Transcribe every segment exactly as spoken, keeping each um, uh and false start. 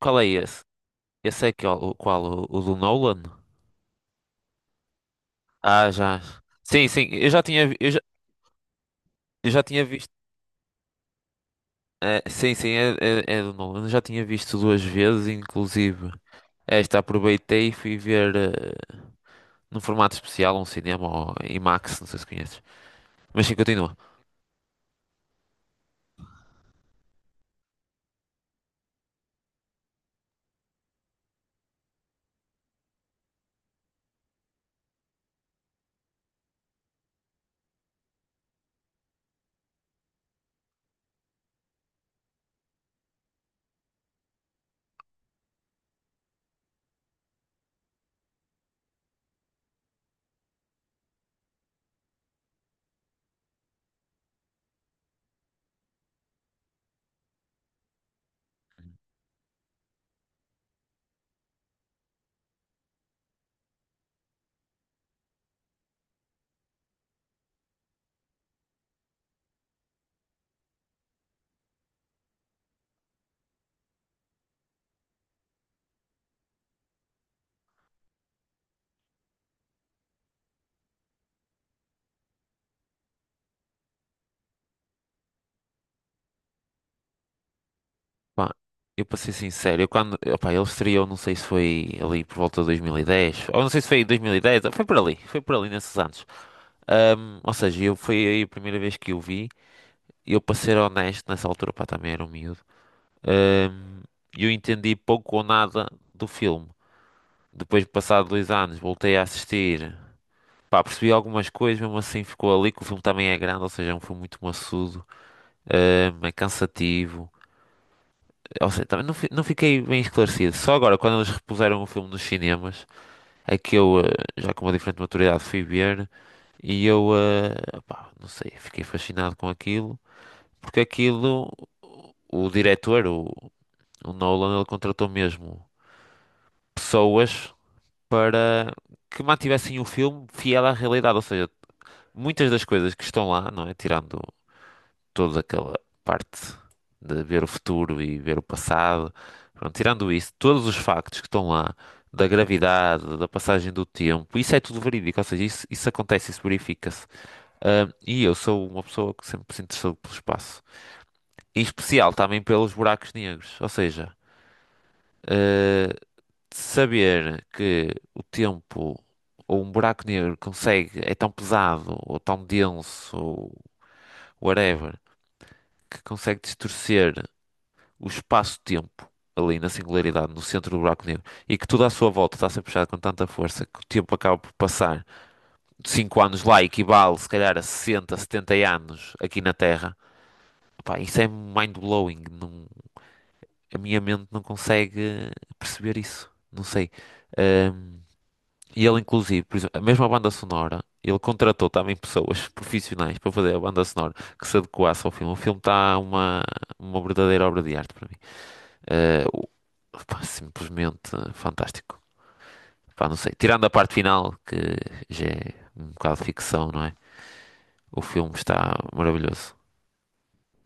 Qual é esse? Esse é que, é o, qual? O, o do Nolan? Ah, já. Sim, sim, eu já tinha, vi- eu já, eu já tinha visto. é, sim, sim, é, é, é do Nolan. Eu já tinha visto duas vezes, inclusive. Esta aproveitei e fui ver eh, num formato especial, um cinema ou IMAX, não sei se conheces. Mas sim, continua. Pá, eu para ser sincero, eu quando. Opá, ele estreou, não sei se foi ali por volta de dois mil e dez, ou não sei se foi em dois mil e dez, foi por ali, foi por ali nesses anos. Ahm, ou seja, eu, foi aí a primeira vez que eu vi. Eu, para ser honesto, nessa altura, pá, também era um miúdo, hum, eu entendi pouco ou nada do filme. Depois de passar dois anos, voltei a assistir. Pá, percebi algumas coisas, mesmo assim ficou ali, que o filme também é grande, ou seja, é um filme muito maçudo, hum, é cansativo. Ou seja, também não, fi- não fiquei bem esclarecido. Só agora, quando eles repuseram o filme nos cinemas, é que eu, eh, já com uma diferente maturidade, fui ver. E eu, eh, pá, não sei, fiquei fascinado com aquilo, porque aquilo, o diretor, o O Nolan, ele contratou mesmo pessoas para que mantivessem o filme fiel à realidade. Ou seja, muitas das coisas que estão lá, não é? Tirando toda aquela parte de ver o futuro e ver o passado. Pronto, tirando isso, todos os factos que estão lá, da gravidade, da passagem do tempo, isso é tudo verídico. Ou seja, isso, isso acontece, isso verifica-se. Ah, e eu sou uma pessoa que sempre se interessou pelo espaço. Em especial também pelos buracos negros. Ou seja, ah, saber que o tempo ou um buraco negro consegue, é tão pesado ou tão denso ou whatever, que consegue distorcer o espaço-tempo ali na singularidade, no centro do buraco negro, e que tudo à sua volta está a ser puxado com tanta força que o tempo acaba por passar cinco anos lá equivale se calhar a sessenta, setenta anos aqui na Terra. Pá, isso é mind-blowing. não- A minha mente não consegue perceber isso. Não sei. Ahm, E ele, inclusive, por exemplo, a mesma banda sonora, ele contratou também pessoas profissionais para fazer a banda sonora que se adequasse ao filme. O filme está uma, uma verdadeira obra de arte para mim. Eh, o- pá, simplesmente fantástico. Pá, não sei. Tirando a parte final, que já é um bocado de ficção, não é? O filme está maravilhoso.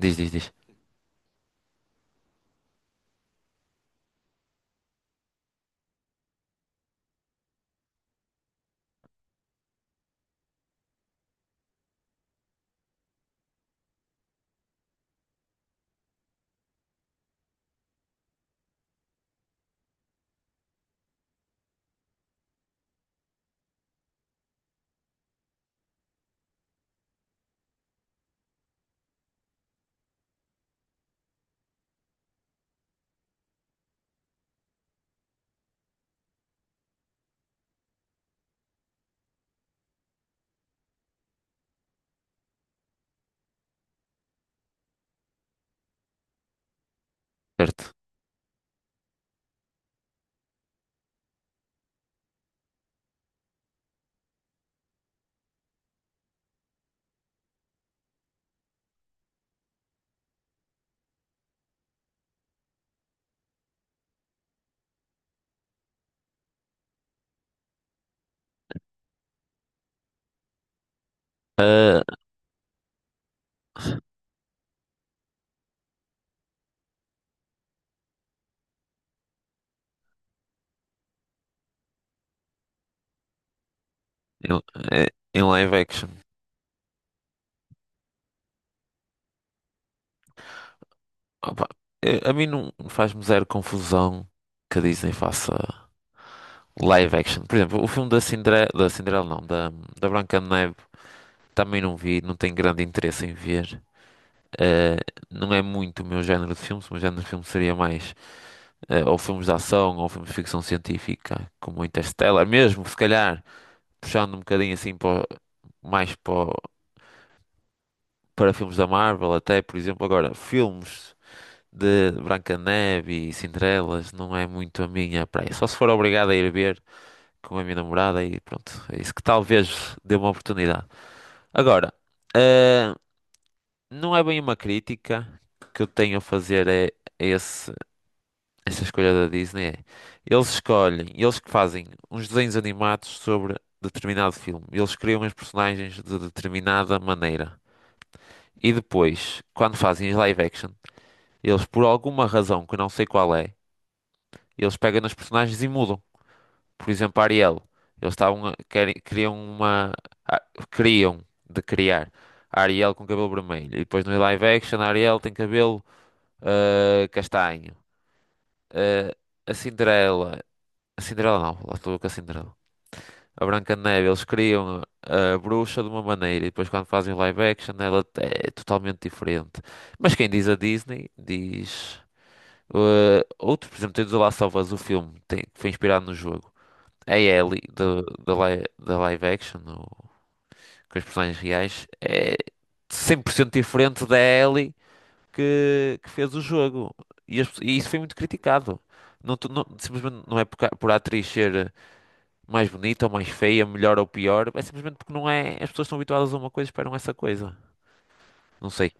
Diz, diz, diz. Certo. Eh, em, eh, em live action. Opa, eh, a mim não faz-me zero confusão que a Disney faça. Live action. Por exemplo, o filme da Cinderela, da Cinderela não, da, da Branca de Neve, também não vi, não tenho grande interesse em ver. Eh, não é muito o meu género de filmes, o meu género de filme seria mais eh, ou filmes de ação ou filmes de ficção científica, como Interstellar, mesmo se calhar puxando um bocadinho assim para, o- mais para, o- para filmes da Marvel, até por exemplo, agora filmes de Branca-de-Neve e Cinderelas não é muito a minha praia, só se for obrigado a ir ver com a minha namorada e pronto, é isso que talvez dê uma oportunidade. Agora, eh, não é bem uma crítica que eu tenho a fazer é esse, essa escolha da Disney. É, eles escolhem, eles que fazem uns desenhos animados sobre determinado filme. Eles criam os personagens de determinada maneira. E depois, quando fazem as live action, eles por alguma razão que eu não sei qual é, eles pegam nos personagens e mudam. Por exemplo, Ariel. Eles estavam a- querem, queriam uma. a- Queriam de criar a Ariel com cabelo vermelho. E depois no live action a Ariel tem cabelo ah, castanho. Ah, a Cinderela. A Cinderela não, lá estou eu com a Cinderela. A Branca de Neve, eles criam a, a bruxa de uma maneira e depois quando fazem o live action ela é totalmente diferente. Mas quem diz a Disney diz. Ah, outro, por exemplo, tens o Last of Us, o filme tem- que foi inspirado no jogo. A Ellie do- da li- da live action o- com os personagens reais é cem por cento diferente da Ellie que, que fez o jogo. E, as pe- e isso foi muito criticado. Não tu- não- simplesmente não é por, ca- por a atriz ser mais bonita ou mais feia, melhor ou pior, é simplesmente porque não é. As pessoas estão habituadas a uma coisa e esperam essa coisa. Não sei.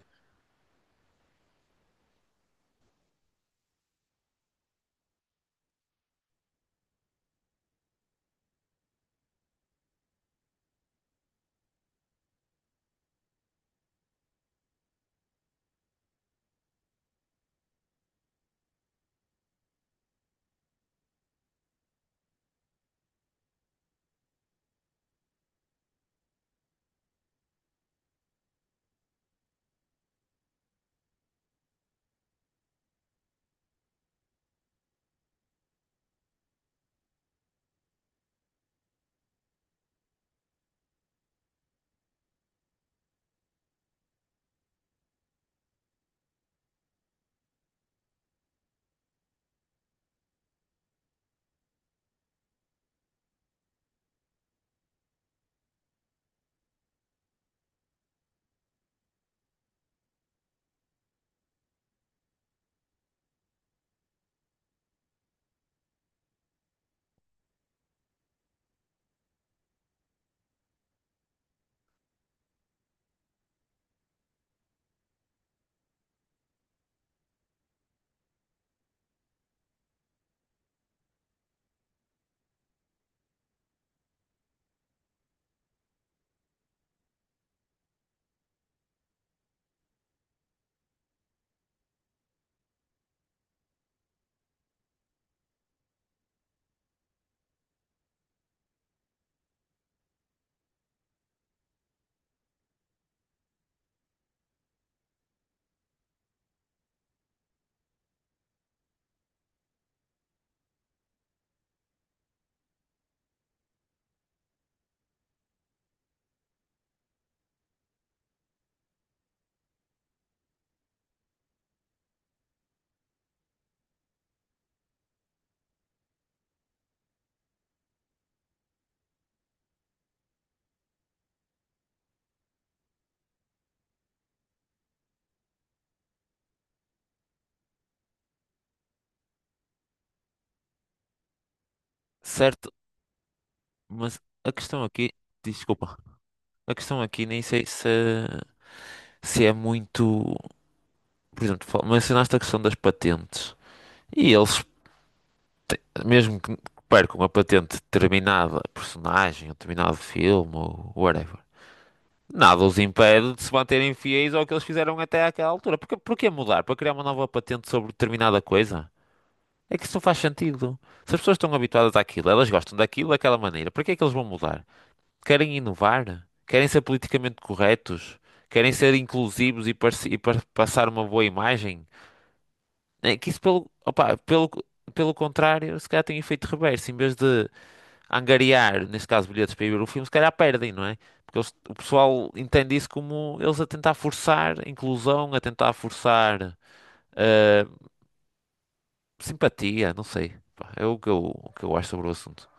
Certo, mas a questão aqui. Desculpa. A questão aqui nem sei se, se é muito. Por exemplo, fal- mencionaste a questão das patentes. E eles te- mesmo que percam a patente de determinada personagem, ou determinado filme, ou whatever, nada os impede de se manterem fiéis ao que eles fizeram até àquela altura. Porque, porquê mudar? Para criar uma nova patente sobre determinada coisa? É que isso não faz sentido. Se as pessoas estão habituadas àquilo, elas gostam daquilo daquela maneira, para que é que eles vão mudar? Querem inovar? Querem ser politicamente corretos? Querem ser inclusivos e, parce- e par- passar uma boa imagem? É que isso, pelo, opá, pelo, pelo contrário, se calhar tem efeito reverso. Em vez de angariar, neste caso, bilhetes para ir ver o filme, se calhar perdem, não é? Porque eles- o pessoal entende isso como eles a tentar forçar inclusão, a tentar forçar eh, simpatia, não sei. Pá, é o que eu, o que eu acho sobre o assunto.